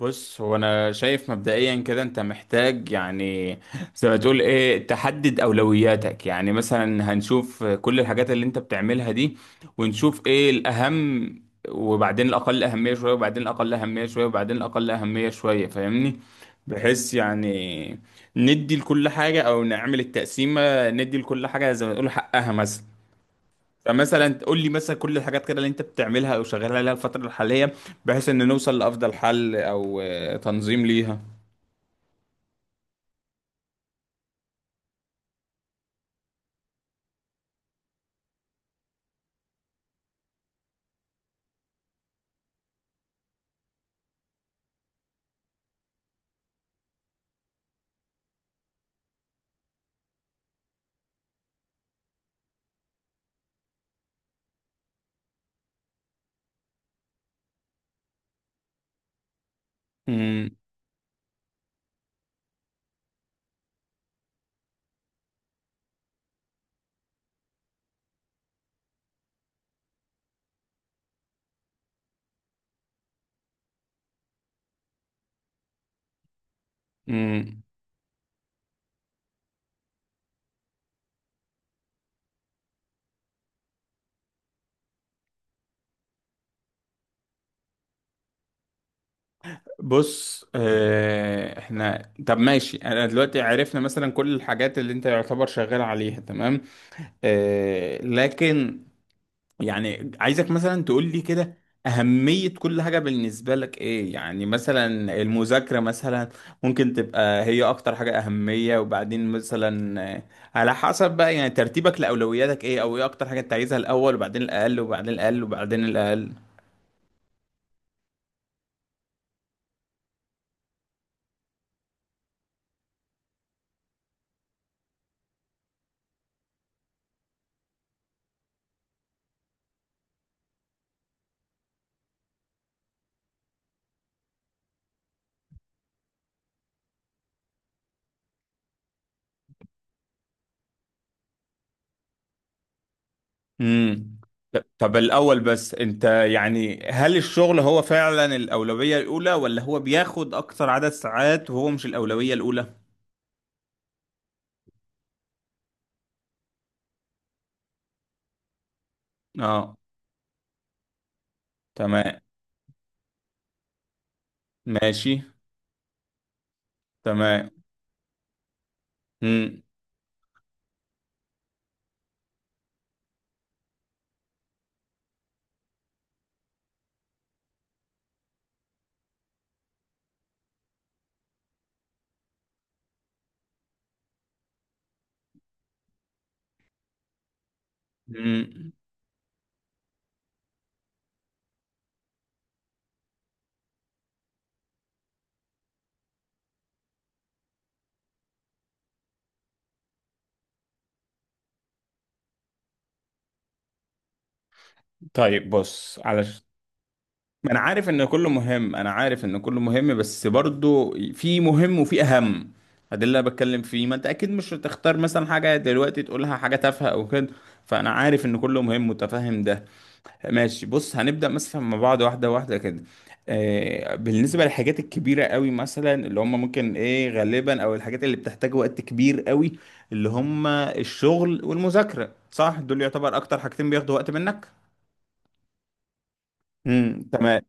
بص، هو انا شايف مبدئيا كده انت محتاج، يعني زي ما تقول ايه، تحدد اولوياتك. يعني مثلا هنشوف كل الحاجات اللي انت بتعملها دي، ونشوف ايه الاهم، وبعدين الاقل اهمية شوية، وبعدين الاقل اهمية شوية، وبعدين الاقل اهمية شوية، فاهمني؟ بحيث يعني ندي لكل حاجة، او نعمل التقسيمة ندي لكل حاجة زي ما تقول حقها مثلا. فمثلا تقول لي مثلا كل الحاجات كده اللي انت بتعملها او شغال عليها الفتره الحاليه، بحيث ان نوصل لافضل حل او تنظيم ليها. امم امم بص، احنا طب ماشي، انا دلوقتي عرفنا مثلا كل الحاجات اللي انت يعتبر شغال عليها، تمام. لكن يعني عايزك مثلا تقول لي كده أهمية كل حاجة بالنسبة لك إيه. يعني مثلا المذاكرة مثلا ممكن تبقى هي أكتر حاجة أهمية، وبعدين مثلا على حسب بقى يعني ترتيبك لأولوياتك إيه، أو إيه أكتر حاجة أنت عايزها الأول، وبعدين الأقل، وبعدين الأقل، وبعدين الأقل. امم طب الأول بس، أنت يعني هل الشغل هو فعلا الأولوية الأولى، ولا هو بياخد أكتر عدد ساعات وهو مش الأولوية الأولى؟ آه. تمام. ماشي. تمام. امم. مم. طيب بص على، انا عارف ان كله مهم، انا عارف ان كله مهم، بس برضو في مهم وفي اهم. ده اللي انا بتكلم فيه. ما انت اكيد مش هتختار مثلا حاجه دلوقتي تقولها حاجه تافهه او كده. فانا عارف ان كله مهم، متفهم ده. ماشي، بص، هنبدا مثلا مع بعض واحده واحده كده. بالنسبه للحاجات الكبيره قوي مثلا، اللي هم ممكن ايه غالبا، او الحاجات اللي بتحتاج وقت كبير قوي، اللي هم الشغل والمذاكره، صح؟ دول يعتبر اكتر حاجتين بياخدوا وقت منك. تمام.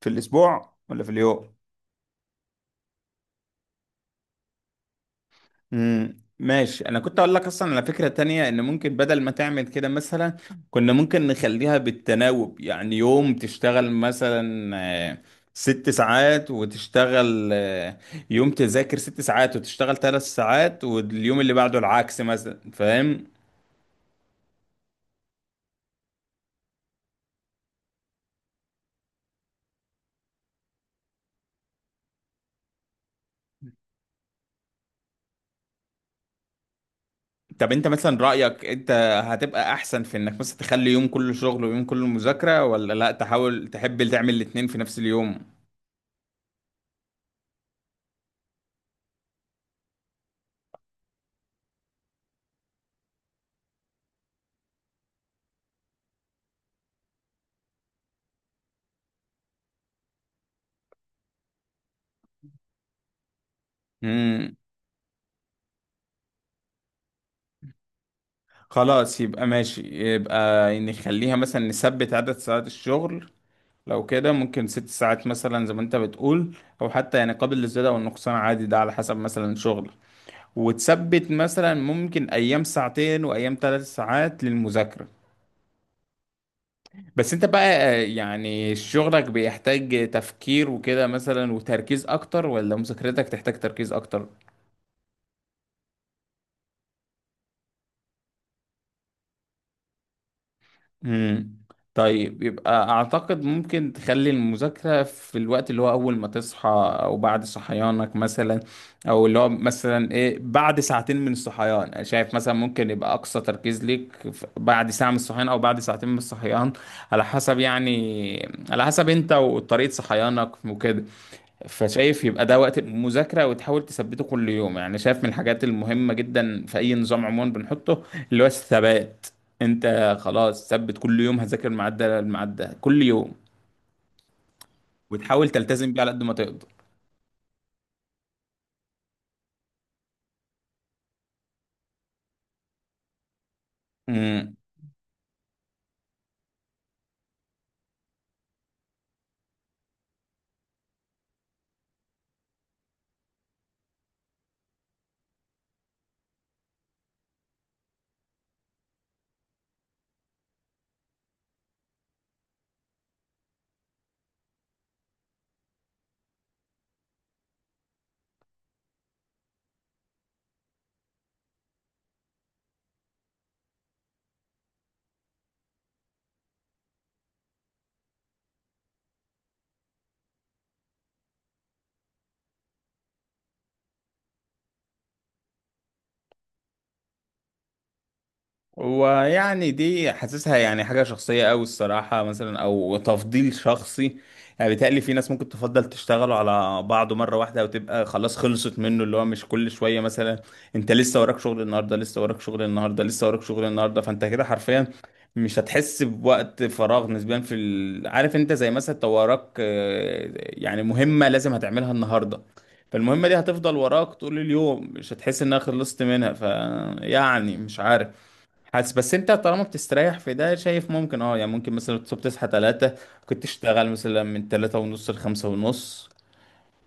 في الاسبوع ولا في اليوم؟ ماشي، انا كنت اقول لك اصلا على فكرة تانية، ان ممكن بدل ما تعمل كده مثلا، كنا ممكن نخليها بالتناوب، يعني يوم تشتغل مثلا آه، 6 ساعات، وتشتغل يوم تذاكر 6 ساعات وتشتغل 3 ساعات، واليوم اللي بعده العكس مثلا، فاهم؟ طب انت مثلا رأيك، انت هتبقى احسن في انك مثلا تخلي يوم كله شغل ويوم كله مذاكرة، ولا لا، تحاول تحب تعمل الاتنين في نفس اليوم؟ مم. خلاص، يبقى ماشي، يبقى نخليها مثلا نثبت عدد ساعات الشغل. لو كده ممكن 6 ساعات مثلا زي ما انت بتقول، او حتى يعني قابل للزيادة والنقصان عادي، ده على حسب مثلا شغل. وتثبت مثلا ممكن ايام ساعتين وايام 3 ساعات للمذاكرة. بس انت بقى يعني شغلك بيحتاج تفكير وكده مثلا وتركيز اكتر، ولا مذاكرتك تحتاج تركيز اكتر؟ مم. طيب يبقى اعتقد ممكن تخلي المذاكرة في الوقت اللي هو اول ما تصحى، او بعد صحيانك مثلا، او اللي هو مثلا ايه، بعد ساعتين من الصحيان. أنا شايف مثلا ممكن يبقى اقصى تركيز ليك بعد ساعة من الصحيان، او بعد ساعتين من الصحيان، على حسب يعني، على حسب انت وطريقة صحيانك وكده. فشايف يبقى ده وقت المذاكرة، وتحاول تثبته كل يوم. يعني شايف من الحاجات المهمة جدا في أي نظام عموما بنحطه، اللي هو الثبات. أنت خلاص ثبت، كل يوم هذاكر الميعاد ده، الميعاد ده كل يوم، وتحاول تلتزم بيه على قد ما تقدر. مم. ويعني دي حاسسها يعني حاجة شخصية أوي الصراحة مثلا، أو تفضيل شخصي. يعني بيتهيألي في ناس ممكن تفضل تشتغلوا على بعضه مرة واحدة، أو تبقى خلاص خلصت منه، اللي هو مش كل شوية مثلا. أنت لسه وراك شغل النهاردة، لسه وراك شغل النهاردة، لسه وراك شغل النهاردة، فأنت كده حرفيا مش هتحس بوقت فراغ نسبيا عارف، أنت زي مثلا أنت وراك يعني مهمة لازم هتعملها النهاردة، فالمهمة دي هتفضل وراك طول اليوم، مش هتحس إنها خلصت منها. فيعني مش عارف، حاسس بس انت طالما بتستريح في ده، شايف ممكن اه يعني، ممكن مثلا تصحى 3، كنت تشتغل مثلا من 3:30 لخمسة ونص،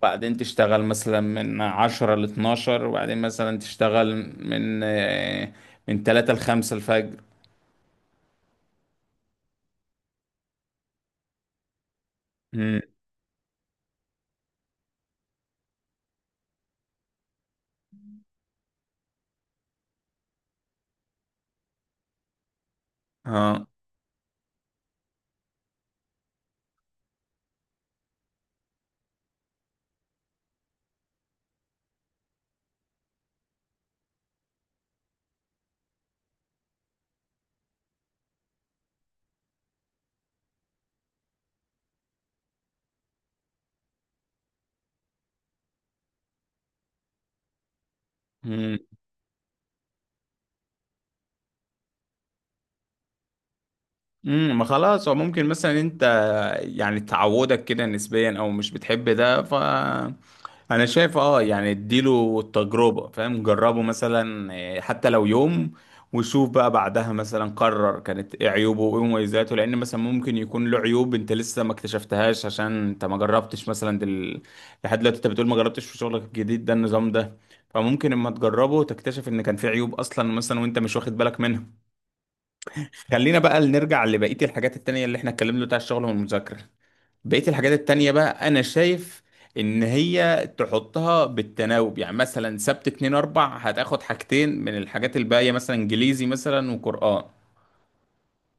بعدين تشتغل مثلا من 10 لاتناشر، وبعدين مثلا تشتغل من آه، من 3 لخمسة الفجر. امم. اه. مم. ما خلاص، هو ممكن مثلا انت يعني تعودك كده نسبيا او مش بتحب ده، ف انا شايف اه يعني اديله التجربة، فاهم؟ جربه مثلا إيه، حتى لو يوم، وشوف بقى بعدها مثلا قرر كانت ايه عيوبه وايه مميزاته، لان مثلا ممكن يكون له عيوب انت لسه ما اكتشفتهاش عشان انت ما جربتش مثلا. لحد دلوقتي انت بتقول ما جربتش في شغلك الجديد ده، النظام ده، فممكن اما تجربه تكتشف ان كان في عيوب اصلا مثلا وانت مش واخد بالك منها. خلينا بقى نرجع لبقية الحاجات التانية اللي احنا اتكلمنا، بتاع الشغل والمذاكرة. بقية الحاجات التانية بقى، انا شايف ان هي تحطها بالتناوب، يعني مثلا سبت اتنين اربع هتاخد حاجتين من الحاجات الباقية، مثلا انجليزي مثلا وقرآن.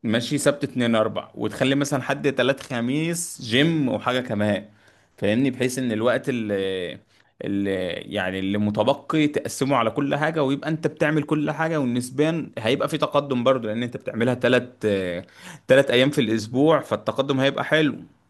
ماشي، سبت اتنين اربع، وتخلي مثلا حد تلات خميس جيم وحاجة كمان، فاهمني؟ بحيث ان الوقت اللي متبقي تقسمه على كل حاجة، ويبقى انت بتعمل كل حاجة، والنسبان هيبقى في تقدم برضو، لان انت بتعملها 3 ايام في الاسبوع، فالتقدم هيبقى حلو.